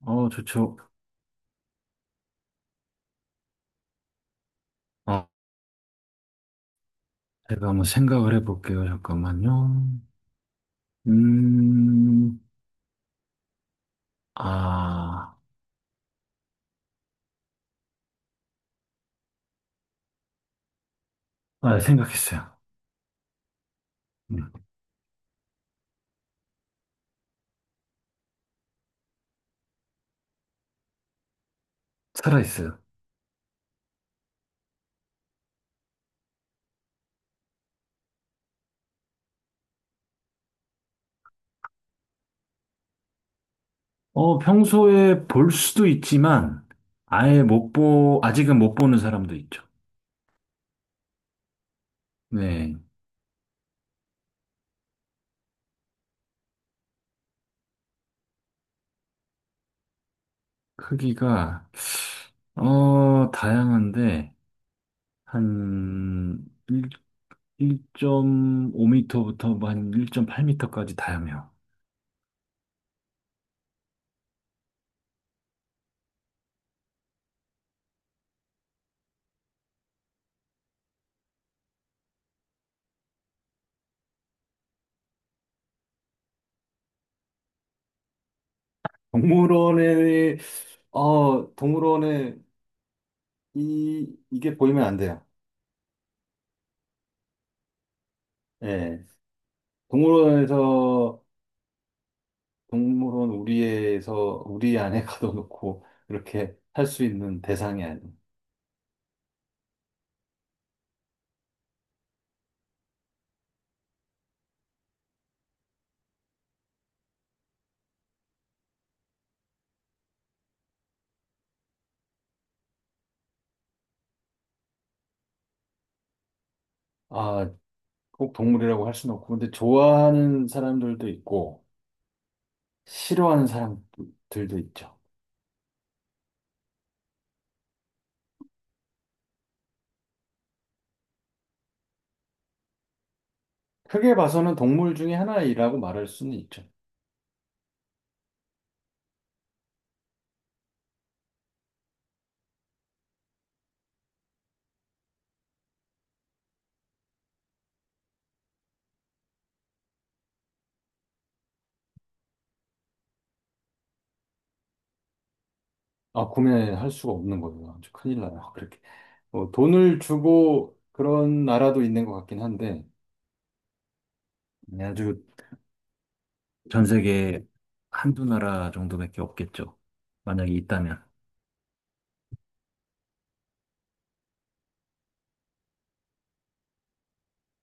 좋죠. 어, 제가 한번 생각을 해볼게요. 잠깐만요. 음, 아, 생각했어요. 음, 살아있어요. 평소에 볼 수도 있지만, 아예 못 보, 아직은 못 보는 사람도 있죠. 네. 크기가, 다양한데, 한 1, 오5 m 부터 한 1.8m까지 다양해요. 동물원에, 동물원에 이게 보이면 안 돼요. 예. 동물원에서, 동물원 우리 안에 가둬놓고, 이렇게 할 수 있는 대상이 아니에요. 아, 꼭 동물이라고 할 수는 없고, 근데 좋아하는 사람들도 있고, 싫어하는 사람들도 있죠. 크게 봐서는 동물 중에 하나이라고 말할 수는 있죠. 아, 구매할 수가 없는 거예요. 아주 큰일 나요. 그렇게. 뭐 돈을 주고 그런 나라도 있는 것 같긴 한데, 네, 아주 전 세계에 한두 나라 정도밖에 없겠죠. 만약에 있다면.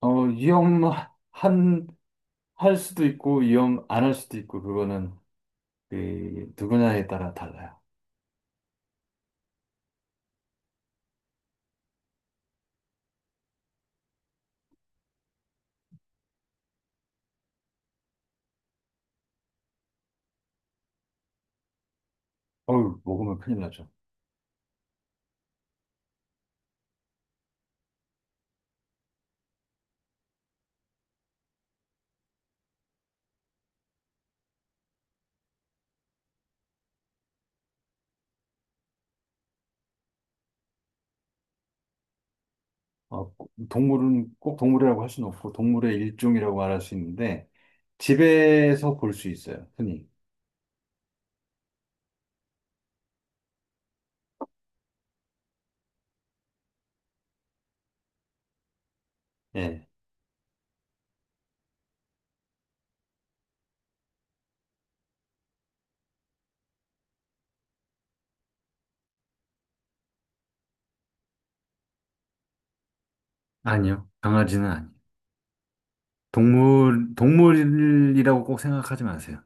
어, 위험한, 할 수도 있고, 위험 안 할 수도 있고, 그거는 그 누구냐에 따라 달라요. 어우, 먹으면 큰일 나죠. 어, 동물은 꼭 동물이라고 할 수는 없고, 동물의 일종이라고 말할 수 있는데, 집에서 볼 수 있어요, 흔히. 예. 아니요. 강아지는 아니에요. 동물이라고 꼭 생각하지 마세요.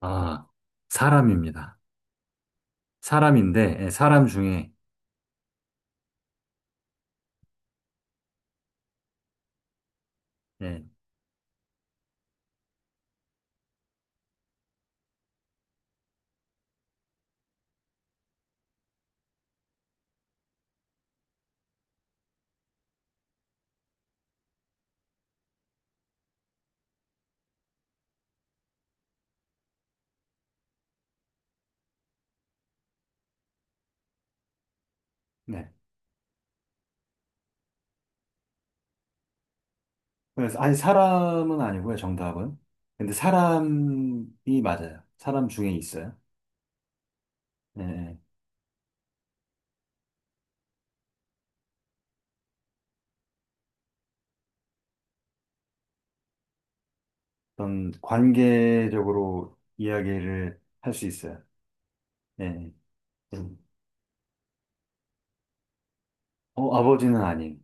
아, 사람입니다. 사람인데, 예, 사람 중에. 네. 네. 그래서, 아니, 사람은 아니고요, 정답은. 근데 사람이 맞아요. 사람 중에 있어요. 예, 예. 어떤 관계적으로 이야기를 할 수 있어요. 예. 예. 어, 아버지는 아니에요.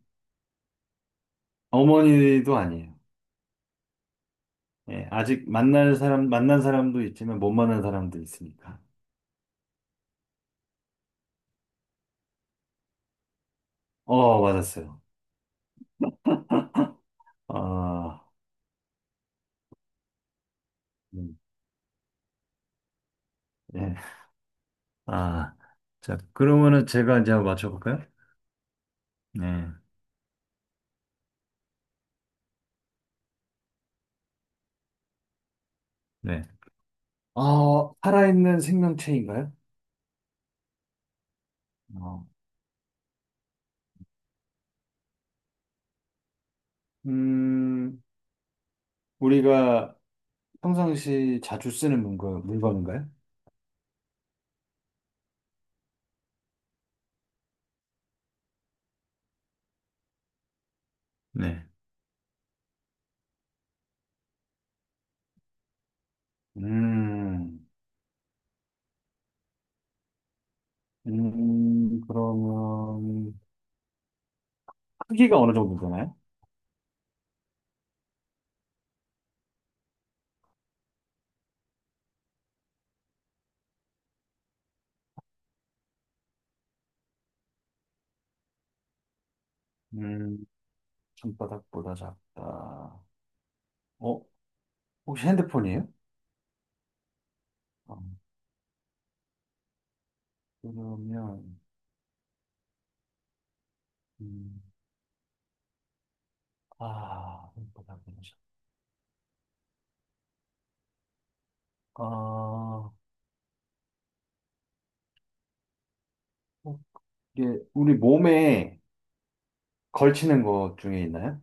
어머니도 아니에요. 예, 아직 만난 사람도 있지만 못 만난 사람도 있으니까. 어, 맞았어요. 아, 음. 예. 아, 자, 그러면은 제가 이제 한번 맞춰볼까요? 네. 네. 아, 살아있는 생명체인가요? 어. 음, 우리가 평상시 자주 쓰는 물건인가요? 네. 음, 그러면 크기가 어느 정도 되나요? 음, 손바닥보다 작다. 어, 혹시 핸드폰이에요? 어, 그러면, 음, 아, 손바닥보다 작다. 아, 어, 이게 우리 몸에 걸치는 것 중에 있나요?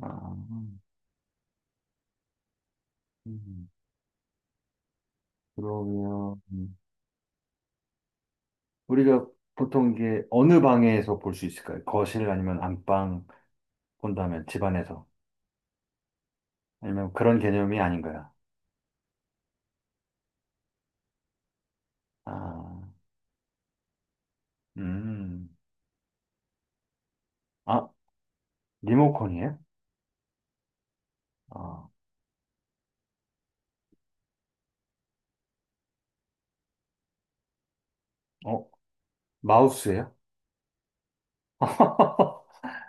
아, 음, 그러면 우리가 보통 이게 어느 방에서 볼 수 있을까요? 거실 아니면 안방 본다면 집안에서 아니면 그런 개념이 아닌 거야. 아, 음, 아 리모컨이에요? 아, 어, 마우스예요?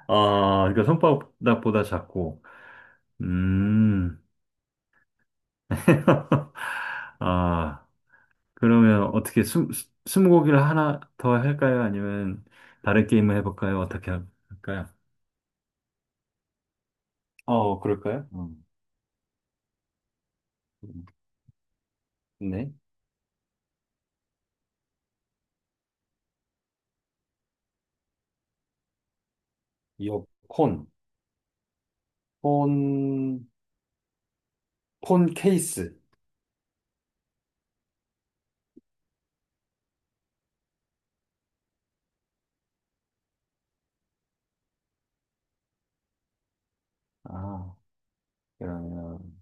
아, 그러니까 손바닥보다 작고, 음, 아, 그러면 스무고기를 하나 더 할까요? 아니면 다른 게임을 해볼까요? 어떻게 할까요? 어, 그럴까요? 음. 네. 이어폰, 폰, 폰 폰 케이스. 아, 그러면,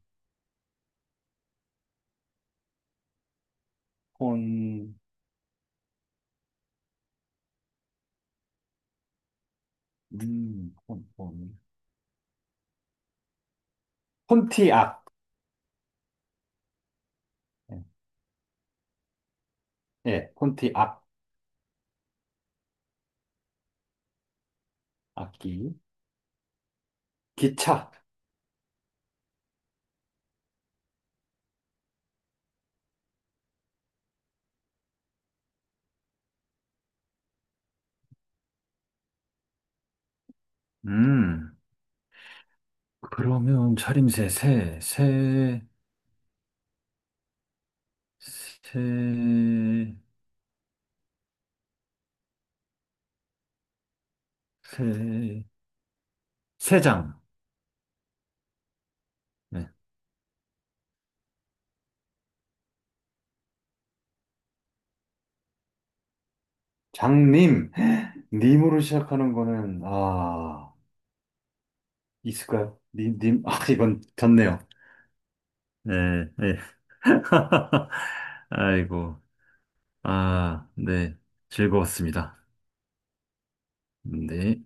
폰, 폰. 폰티악. 예, 예, 폰티악. 악기. 기차. 음, 그러면 차림새, 새, 새, 새장. 네. 장님. 님으로 시작하는 거는, 아, 있을까요? 님, 님. 아, 이건 졌네요. 네, 네. 아이고, 아, 네. 즐거웠습니다. 네.